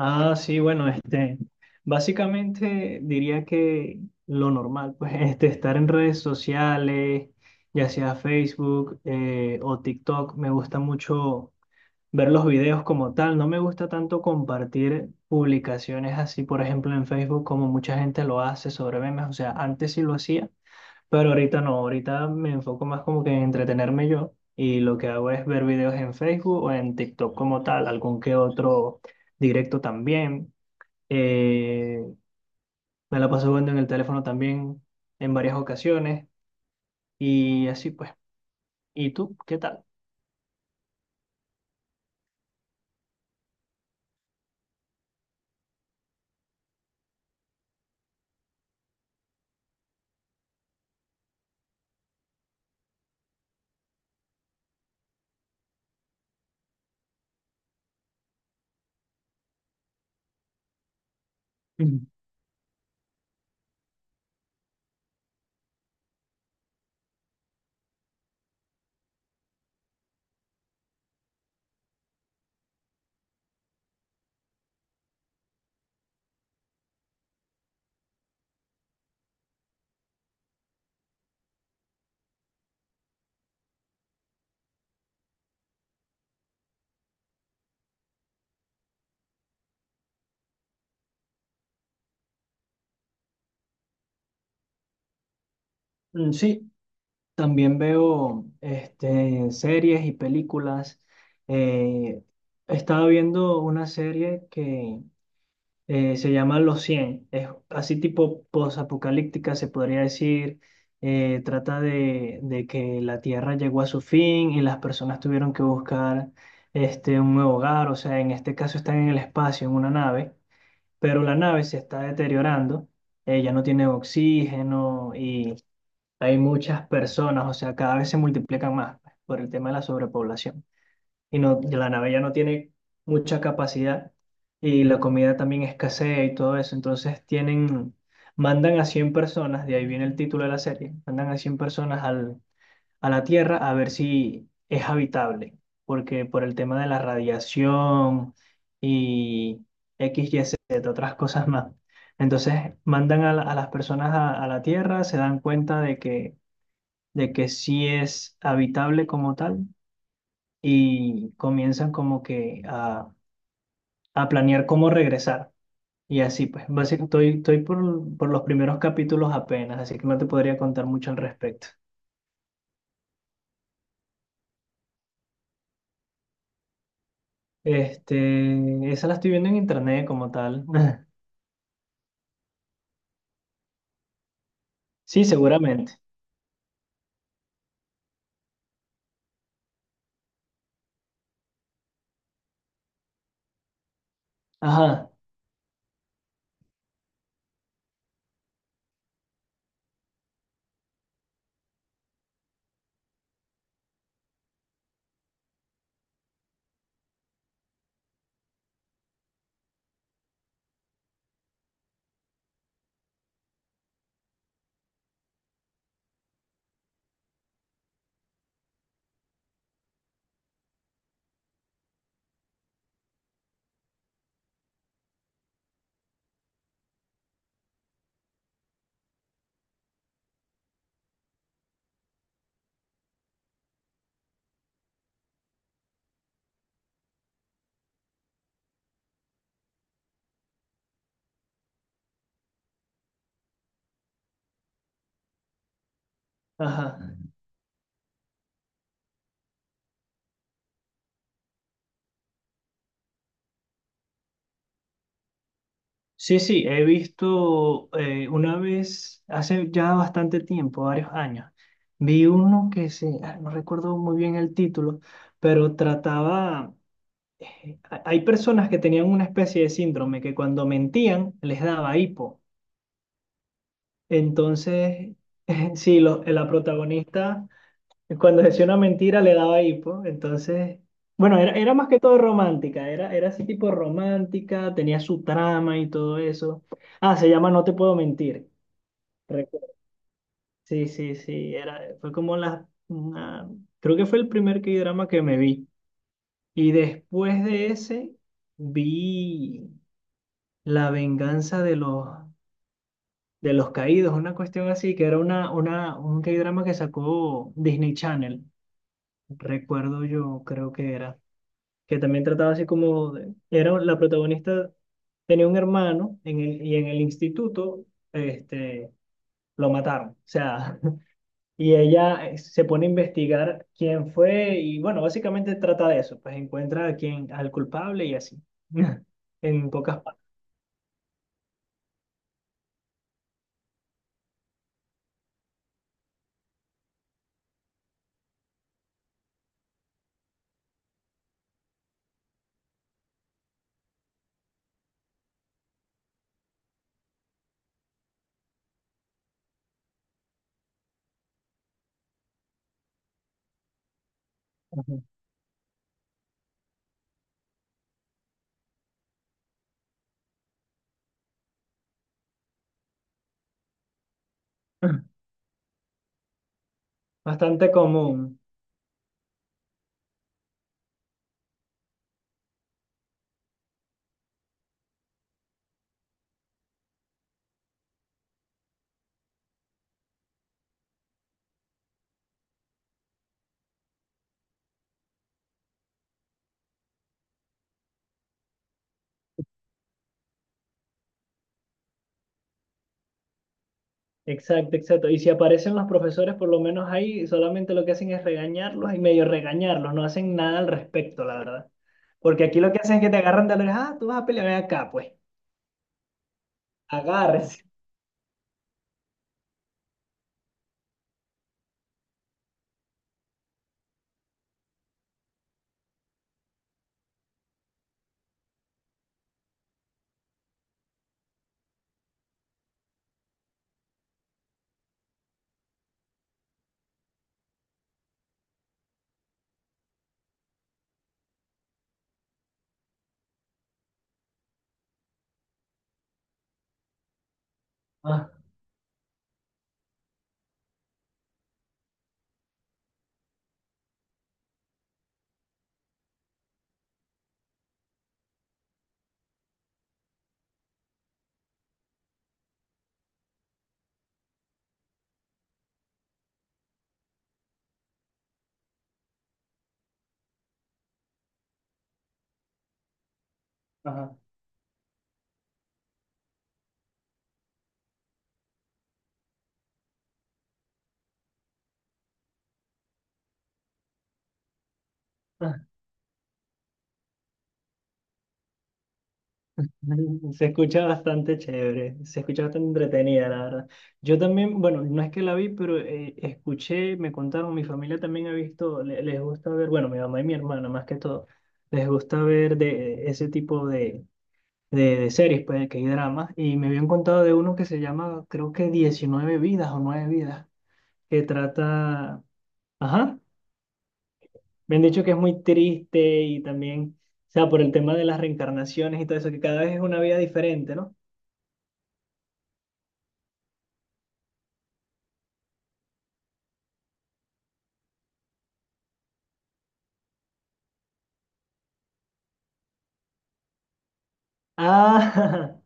Ah, sí, bueno, este, básicamente diría que lo normal, pues, estar en redes sociales, ya sea Facebook o TikTok, me gusta mucho ver los videos como tal. No me gusta tanto compartir publicaciones así, por ejemplo, en Facebook, como mucha gente lo hace sobre memes. O sea, antes sí lo hacía, pero ahorita no, ahorita me enfoco más como que en entretenerme yo y lo que hago es ver videos en Facebook o en TikTok como tal, algún que otro directo también. Eh, Me la paso viendo en el teléfono también en varias ocasiones y así pues. ¿Y tú qué tal? Mm. Mm, sí, también veo series y películas. Eh, Estaba viendo una serie que se llama Los Cien. Es así tipo posapocalíptica, se podría decir, trata de que la Tierra llegó a su fin y las personas tuvieron que buscar un nuevo hogar, o sea, en este caso están en el espacio, en una nave, pero la nave se está deteriorando, ya no tiene oxígeno y hay muchas personas, o sea, cada vez se multiplican más por el tema de la sobrepoblación y no, y la nave ya no tiene mucha capacidad y la comida también escasea y todo eso. Entonces tienen, mandan a 100 personas, de ahí viene el título de la serie, mandan a 100 personas al, a la Tierra, a ver si es habitable, porque por el tema de la radiación y X, Y, Z, otras cosas más. Entonces mandan a, a las personas a la Tierra, se dan cuenta de que sí es habitable como tal y comienzan como que a planear cómo regresar. Y así, pues, básicamente estoy por los primeros capítulos apenas, así que no te podría contar mucho al respecto. Esa la estoy viendo en internet como tal. Sí, seguramente. Ajá, ajá. Sí, sí, he visto una vez, hace ya bastante tiempo, varios años, vi uno que se, ah, no recuerdo muy bien el título, pero trataba. Hay personas que tenían una especie de síndrome que cuando mentían les daba hipo. Entonces, sí, la protagonista cuando decía una mentira le daba hipo. Entonces, bueno, era más que todo romántica, era así tipo romántica, tenía su trama y todo eso. Ah, se llama No Te Puedo Mentir. Recuerdo. Sí, sí, sí, era, fue como creo que fue el primer K-drama que me vi. Y después de ese, vi... La venganza de los caídos, una cuestión así, que era un K-drama que sacó Disney Channel, recuerdo yo, creo que era, que también trataba así como, era la protagonista, tenía un hermano en el, y en el instituto este, lo mataron, o sea, y ella se pone a investigar quién fue y bueno, básicamente trata de eso, pues encuentra a quién, al culpable y así, en pocas partes. Ujú. Bastante común. Exacto, exacto. Y si aparecen los profesores, por lo menos ahí solamente lo que hacen es regañarlos y medio regañarlos, no hacen nada al respecto, la verdad. Porque aquí lo que hacen es que te agarran de la oreja, ah, tú vas a pelear ven acá, pues, agárrese. Ah, ajá, ah. Se escucha bastante chévere, se escucha bastante entretenida, la verdad. Yo también, bueno, no es que la vi, pero escuché, me contaron, mi familia también ha visto, les gusta ver, bueno, mi mamá y mi hermana más que todo, les gusta ver de ese tipo de de series, pues, de que hay dramas, y me habían contado de uno que se llama, creo que 19 vidas o 9 vidas, que trata, ajá, me han dicho que es muy triste y también, o sea, por el tema de las reencarnaciones y todo eso, que cada vez es una vida diferente, ¿no? Ah,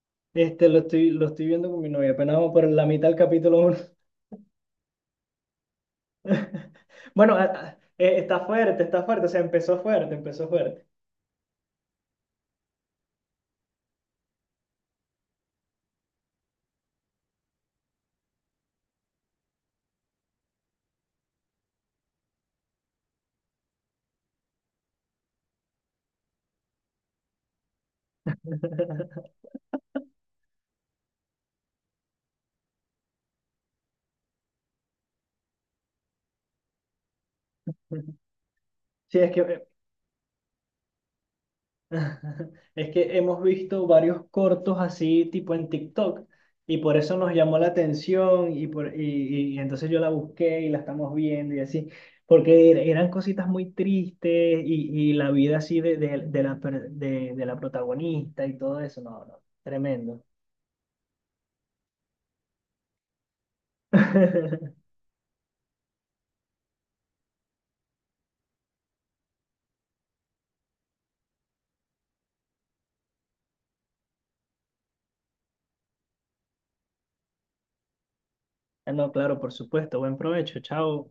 lo lo estoy viendo con mi novia, apenas vamos por la mitad del capítulo 1. Bueno, está fuerte, o sea, empezó fuerte, empezó fuerte. Sí, es que es que hemos visto varios cortos así, tipo en TikTok, y por eso nos llamó la atención, y, y entonces yo la busqué y la estamos viendo y así, porque eran cositas muy tristes y la vida así de la, de la protagonista y todo eso, no, no, tremendo. No, claro, por supuesto, buen provecho, chao.